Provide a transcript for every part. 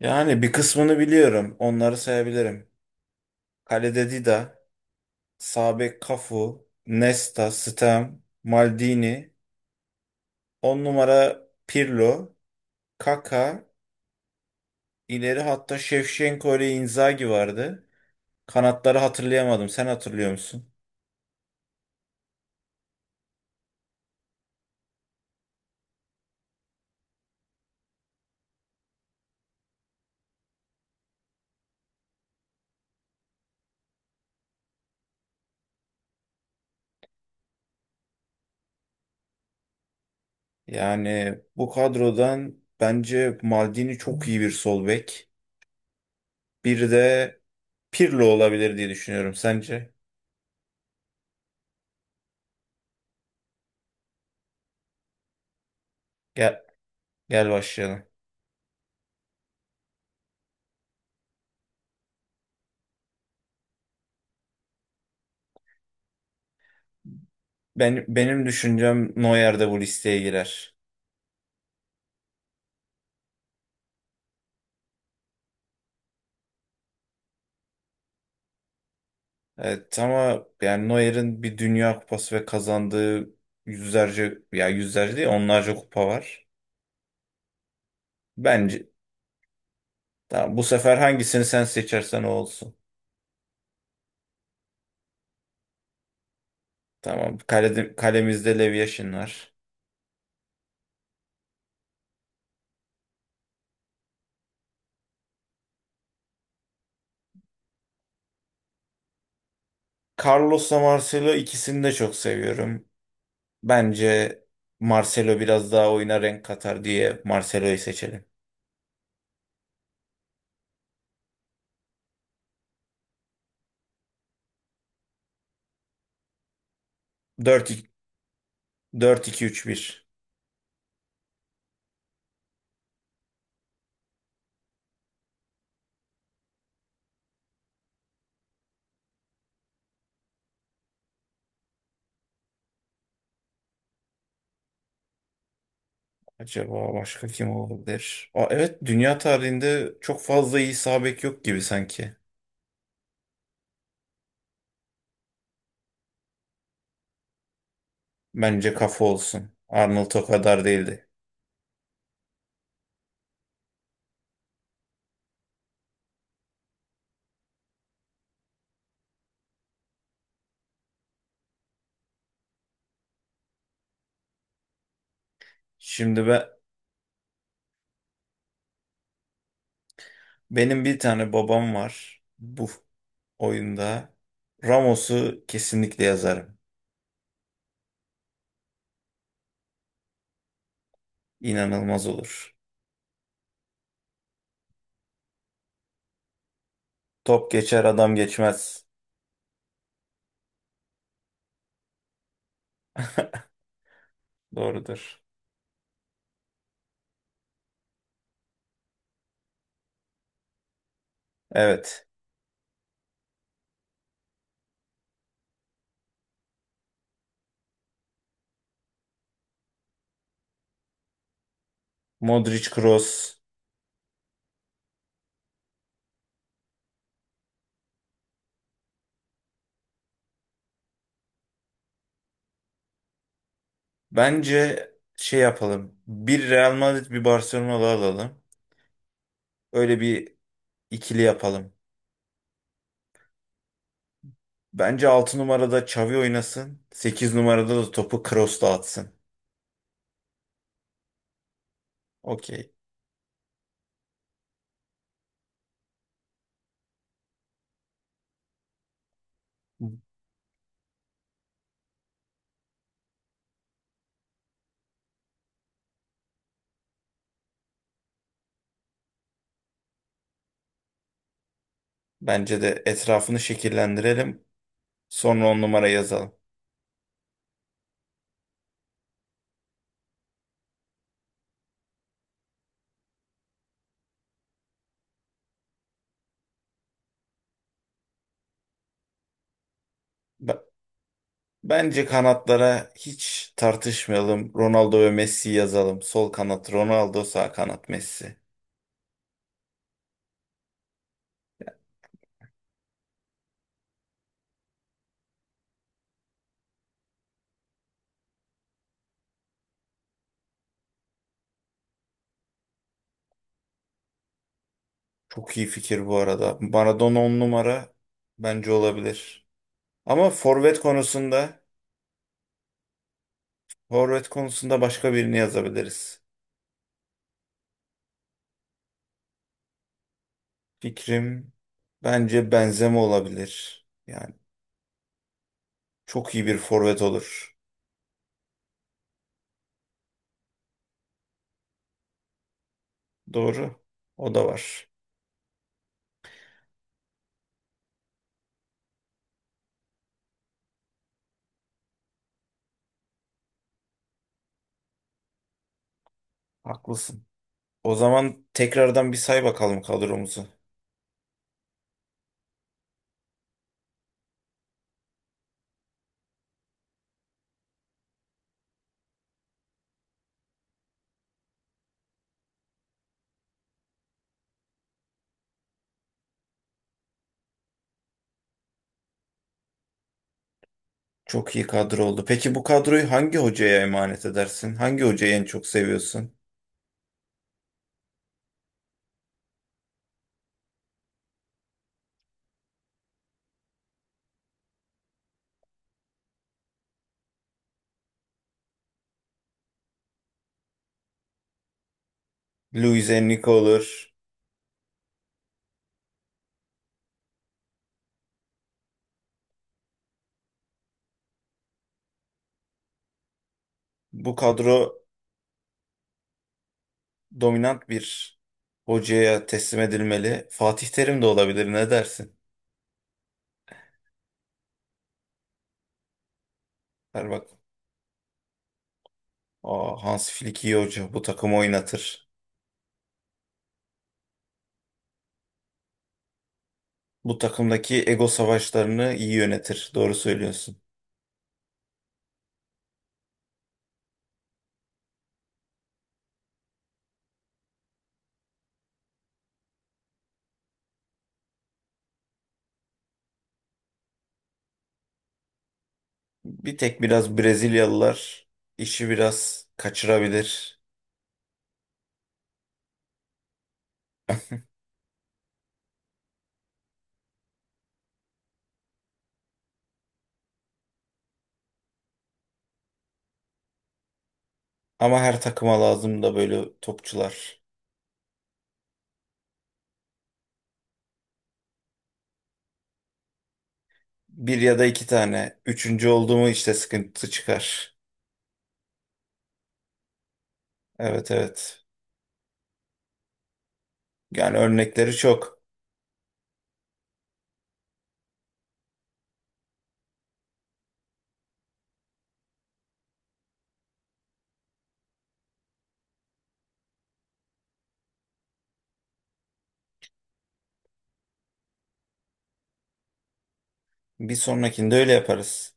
Yani bir kısmını biliyorum. Onları sayabilirim. Kalede Dida, sağ bek Cafu, Nesta, Stam, Maldini, 10 numara Pirlo, Kaka, ileri hatta Şevşenko ile Inzaghi vardı. Kanatları hatırlayamadım. Sen hatırlıyor musun? Yani bu kadrodan bence Maldini çok iyi bir sol bek. Bir de Pirlo olabilir diye düşünüyorum. Sence? Gel, gel başlayalım. Benim düşüncem Neuer de bu listeye girer. Evet ama yani Neuer'in bir Dünya Kupası ve kazandığı yüzlerce ya yüzlerce değil onlarca kupa var. Bence tamam, bu sefer hangisini sen seçersen o olsun. Tamam kalede, kalemizde Lev Yashin var. Carlos'la Marcelo ikisini de çok seviyorum. Bence Marcelo biraz daha oyuna renk katar diye Marcelo'yu seçelim. 4-2-3-1. Acaba başka kim olabilir? Aa, evet, dünya tarihinde çok fazla iyi sağ bek yok gibi sanki. Bence kafa olsun. Arnold o kadar değildi. Şimdi benim bir tane babam var bu oyunda. Ramos'u kesinlikle yazarım. İnanılmaz olur. Top geçer adam geçmez. Doğrudur. Evet. Modric Kroos. Bence şey yapalım. Bir Real Madrid bir Barcelona'lı alalım. Öyle bir ikili yapalım. Bence 6 numarada Xavi oynasın. 8 numarada da topu Kroos dağıtsın. Okey. Bence de etrafını şekillendirelim. Sonra 10 numara yazalım. Be- Bence kanatlara hiç tartışmayalım. Ronaldo ve Messi yazalım. Sol kanat Ronaldo, sağ kanat Messi. Çok iyi fikir bu arada. Maradona 10 numara bence olabilir. Ama forvet konusunda başka birini yazabiliriz. Fikrim, bence Benzema olabilir. Yani çok iyi bir forvet olur. Doğru. O da var. Haklısın. O zaman tekrardan bir say bakalım kadromuzu. Çok iyi kadro oldu. Peki bu kadroyu hangi hocaya emanet edersin? Hangi hocayı en çok seviyorsun? Luis Enrique olur. Bu kadro dominant bir hocaya teslim edilmeli. Fatih Terim de olabilir. Ne dersin? Ver bak. Aa, Hans Flick iyi hoca. Bu takımı oynatır. Bu takımdaki ego savaşlarını iyi yönetir. Doğru söylüyorsun. Bir tek biraz Brezilyalılar işi biraz kaçırabilir. Ama her takıma lazım da böyle topçular. Bir ya da iki tane. Üçüncü oldu mu işte sıkıntı çıkar. Evet, evet. Yani örnekleri çok. Bir sonrakinde öyle yaparız.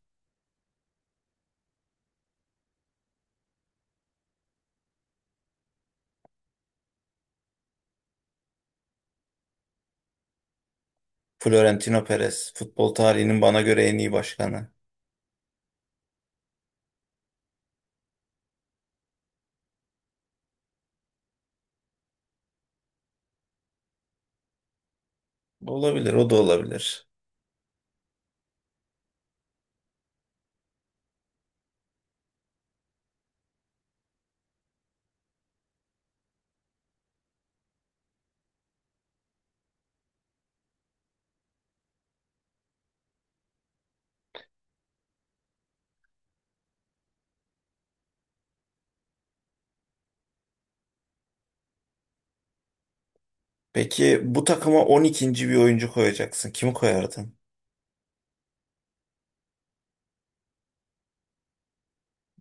Florentino Perez, futbol tarihinin bana göre en iyi başkanı. Olabilir, o da olabilir. Peki bu takıma 12'nci bir oyuncu koyacaksın. Kimi koyardın?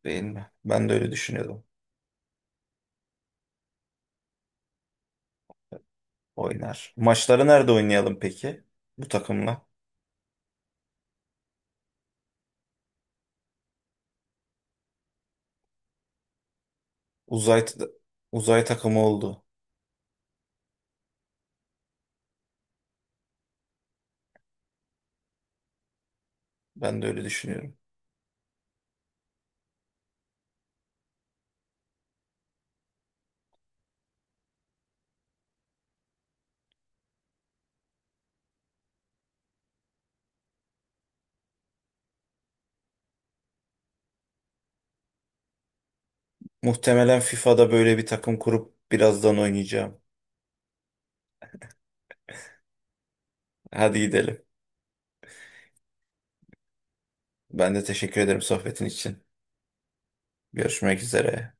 Değil mi? Ben de öyle düşünüyordum. Oynar. Maçları nerede oynayalım peki? Bu takımla. Uzay uzay takımı oldu. Ben de öyle düşünüyorum. Muhtemelen FIFA'da böyle bir takım kurup birazdan oynayacağım. Hadi gidelim. Ben de teşekkür ederim sohbetin için. Görüşmek üzere.